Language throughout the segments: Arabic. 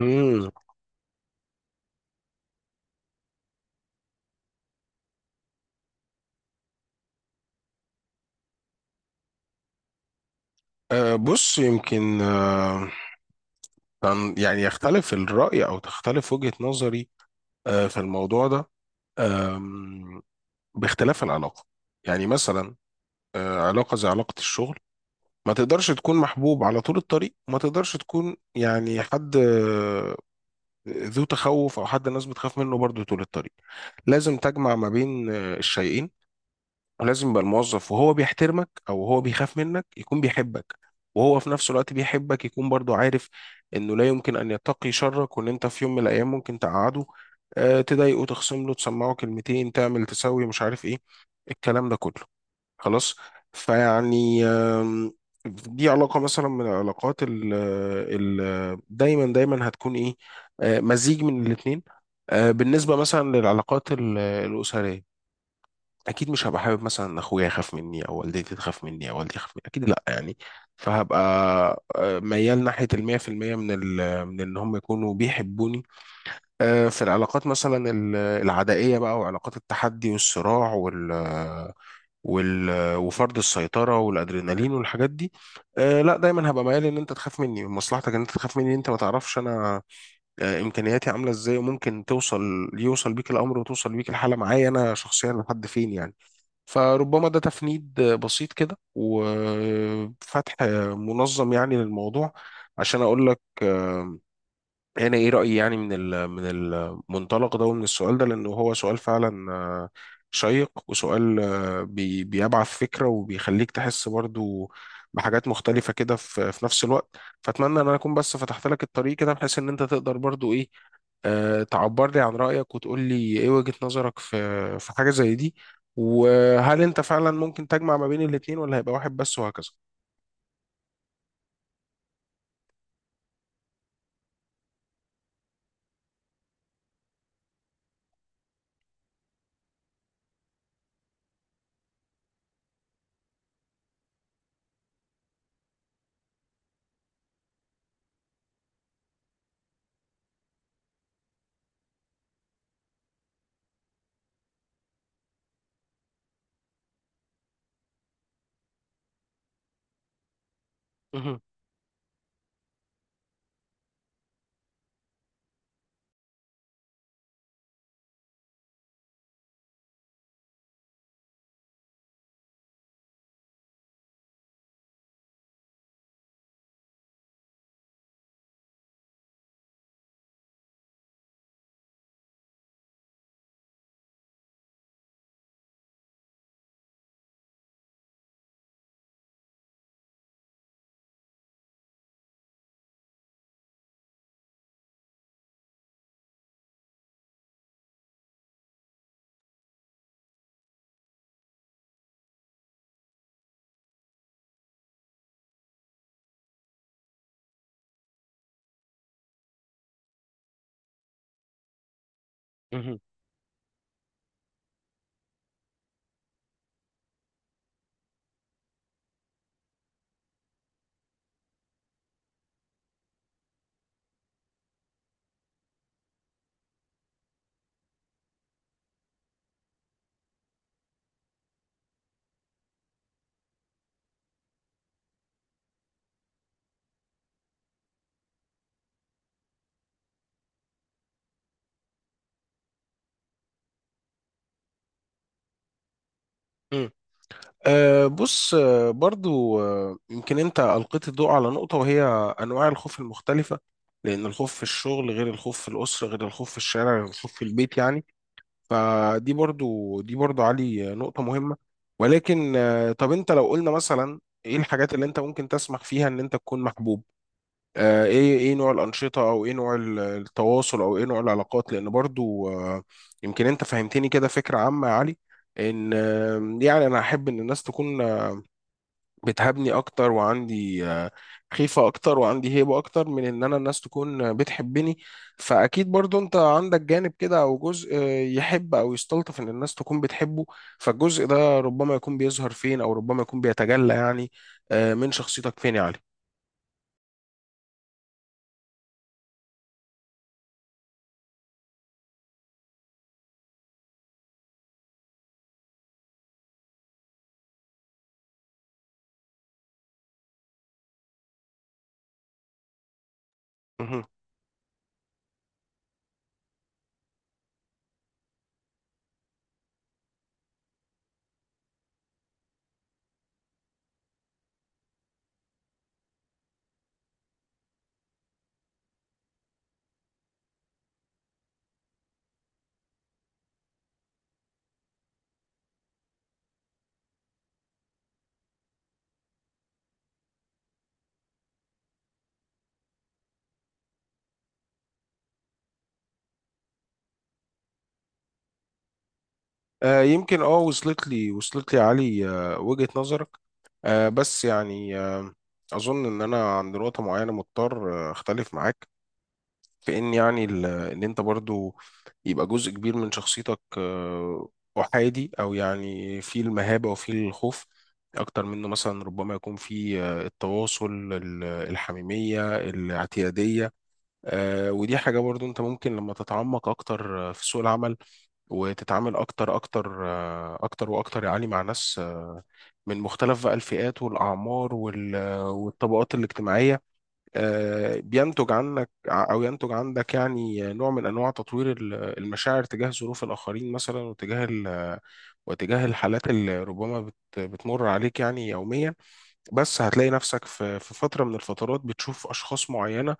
امم. بص، يمكن يعني يختلف الرأي أو تختلف وجهة نظري في الموضوع ده، أم، باختلاف العلاقة. يعني مثلا علاقة زي علاقة الشغل، ما تقدرش تكون محبوب على طول الطريق، وما تقدرش تكون يعني حد ذو تخوف أو حد الناس بتخاف منه برضه طول الطريق. لازم تجمع ما بين الشيئين، ولازم يبقى الموظف وهو بيحترمك او هو بيخاف منك يكون بيحبك، وهو في نفس الوقت بيحبك يكون برضو عارف انه لا يمكن ان يتقي شرك، وان انت في يوم من الايام ممكن تقعده، تضايقه، تخصم له، تسمعه كلمتين، تعمل، تسوي، مش عارف ايه الكلام ده كله، خلاص. فيعني دي علاقة مثلا من العلاقات ال دايما دايما هتكون ايه، مزيج من الاتنين. بالنسبة مثلا للعلاقات الأسرية، اكيد مش هبقى حابب مثلا ان اخويا يخاف مني، او والدتي تخاف مني، او والدي يخاف مني، اكيد لا يعني، فهبقى ميال ناحيه 100% من ان هم يكونوا بيحبوني. في العلاقات مثلا العدائيه بقى، وعلاقات التحدي والصراع وال وال وفرض السيطره والادرينالين والحاجات دي. لا دايما هبقى ميال ان انت تخاف مني، مصلحتك ان انت تخاف مني، انت ما تعرفش انا امكانياتي عامله ازاي، وممكن يوصل بيك الامر وتوصل بيك الحاله معايا انا شخصيا لحد فين يعني. فربما ده تفنيد بسيط كده وفتح منظم يعني للموضوع، عشان أقول لك انا ايه رايي يعني من المنطلق ده ومن السؤال ده، لانه هو سؤال فعلا شيق، وسؤال بيبعث فكره، وبيخليك تحس برضو بحاجات مختلفه كده في نفس الوقت. فاتمنى ان انا اكون بس فتحت لك الطريق كده بحيث ان انت تقدر برضو ايه، تعبر لي عن رايك وتقول لي ايه وجهه نظرك في حاجه زي دي. وهل انت فعلا ممكن تجمع ما بين الاتنين، ولا هيبقى واحد بس، وهكذا. بص، برضو يمكن انت ألقيت الضوء على نقطة، وهي أنواع الخوف المختلفة. لأن الخوف في الشغل غير الخوف في الأسرة غير الخوف في الشارع غير الخوف في البيت يعني. فدي برضو دي برضو علي نقطة مهمة. ولكن طب انت لو قلنا مثلا ايه الحاجات اللي انت ممكن تسمح فيها ان انت تكون محبوب؟ ايه نوع الأنشطة، او ايه نوع التواصل، او ايه نوع العلاقات، لأن برضو يمكن انت فهمتني كده فكرة عامة يا علي، ان يعني انا احب ان الناس تكون بتهابني اكتر، وعندي خيفة اكتر، وعندي هيبة اكتر من ان انا الناس تكون بتحبني. فاكيد برضو انت عندك جانب كده او جزء يحب او يستلطف ان الناس تكون بتحبه. فالجزء ده ربما يكون بيظهر فين، او ربما يكون بيتجلى يعني من شخصيتك فين يا علي؟ مهم. يمكن وصلت لي يا علي وجهة نظرك. بس يعني اظن ان انا عند نقطة معينة مضطر اختلف معاك في ان يعني ان انت برضو يبقى جزء كبير من شخصيتك احادي، او يعني في المهابة وفي الخوف اكتر منه، مثلا ربما يكون في التواصل الحميمية الاعتيادية. ودي حاجة برضو انت ممكن لما تتعمق اكتر في سوق العمل، وتتعامل اكتر اكتر اكتر واكتر يعني مع ناس من مختلف بقى الفئات والاعمار والطبقات الاجتماعية. بينتج عنك او ينتج عندك يعني نوع من انواع تطوير المشاعر تجاه ظروف الاخرين مثلا، وتجاه الحالات اللي ربما بتمر عليك يعني يوميا. بس هتلاقي نفسك في فتره من الفترات بتشوف اشخاص معينه.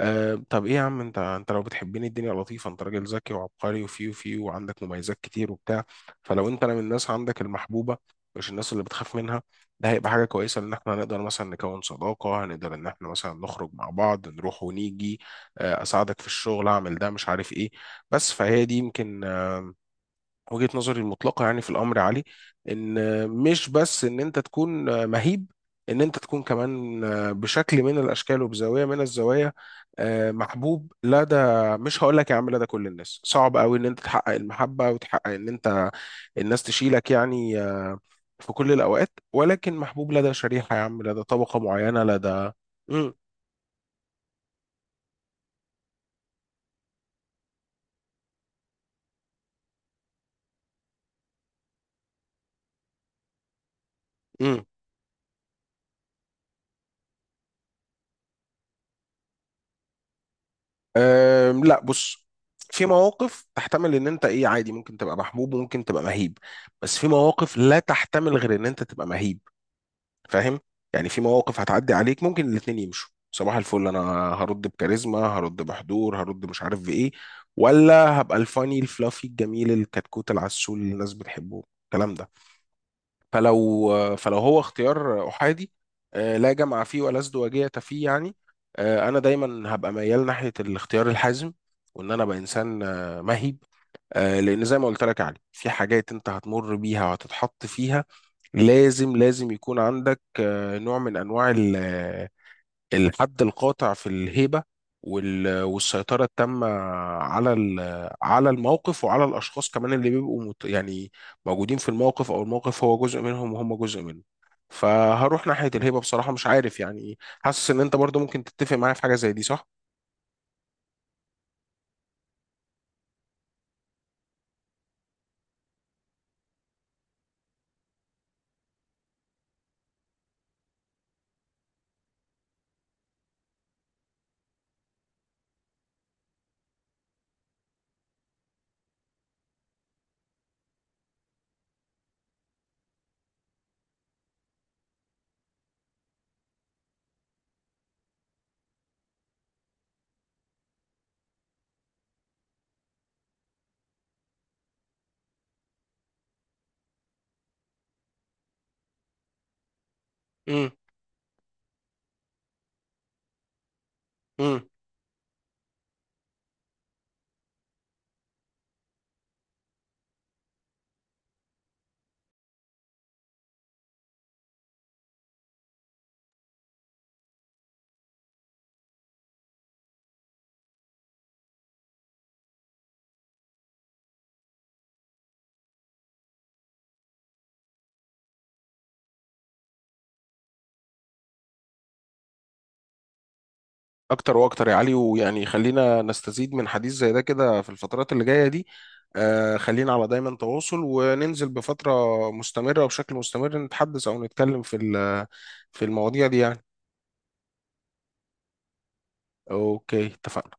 طب ايه يا عم، انت لو بتحبني الدنيا لطيفه، انت راجل ذكي وعبقري وفي وعندك مميزات كتير وبتاع. فلو انت انا من الناس عندك المحبوبه، مش الناس اللي بتخاف منها، ده هيبقى حاجه كويسه ان احنا هنقدر مثلا نكون صداقه، هنقدر ان احنا مثلا نخرج مع بعض، نروح ونيجي، اساعدك في الشغل، اعمل ده مش عارف ايه، بس فهي دي يمكن وجهة نظري المطلقة يعني في الأمر يا علي، إن مش بس إن أنت تكون مهيب، إن أنت تكون كمان بشكل من الأشكال وبزاوية من الزوايا محبوب لدى، مش هقول لك يا عم لدى كل الناس، صعب قوي إن أنت تحقق المحبة وتحقق إن أنت الناس تشيلك يعني في كل الأوقات، ولكن محبوب لدى شريحة، يا عم، لدى طبقة معينة، لدى. مم، مم. لا، بص، في مواقف تحتمل ان انت ايه عادي، ممكن تبقى محبوب وممكن تبقى مهيب، بس في مواقف لا تحتمل غير ان انت تبقى مهيب، فاهم؟ يعني في مواقف هتعدي عليك ممكن الاتنين يمشوا صباح الفل، انا هرد بكاريزما، هرد بحضور، هرد مش عارف بايه، ولا هبقى الفاني الفلافي الجميل الكتكوت العسول اللي الناس بتحبه الكلام ده. فلو هو اختيار احادي لا جمع فيه ولا ازدواجيه فيه يعني، انا دايما هبقى ميال ناحيه الاختيار الحازم، وان انا ابقى انسان مهيب. لان زي ما قلت لك يا علي، في حاجات انت هتمر بيها وهتتحط فيها، لازم لازم يكون عندك نوع من انواع الحد القاطع في الهيبة والسيطرة التامة على الموقف وعلى الأشخاص كمان اللي بيبقوا يعني موجودين في الموقف، أو الموقف هو جزء منهم وهم جزء منه. فهروح ناحية الهيبة بصراحة، مش عارف يعني، حاسس إن أنت برضو ممكن تتفق معايا في حاجة زي دي، صح؟ امم. اكتر واكتر يا علي، ويعني خلينا نستزيد من حديث زي ده كده في الفترات اللي جاية دي. خلينا على دايما تواصل، وننزل بفترة مستمرة وبشكل مستمر، نتحدث او نتكلم في المواضيع دي يعني. اوكي، اتفقنا.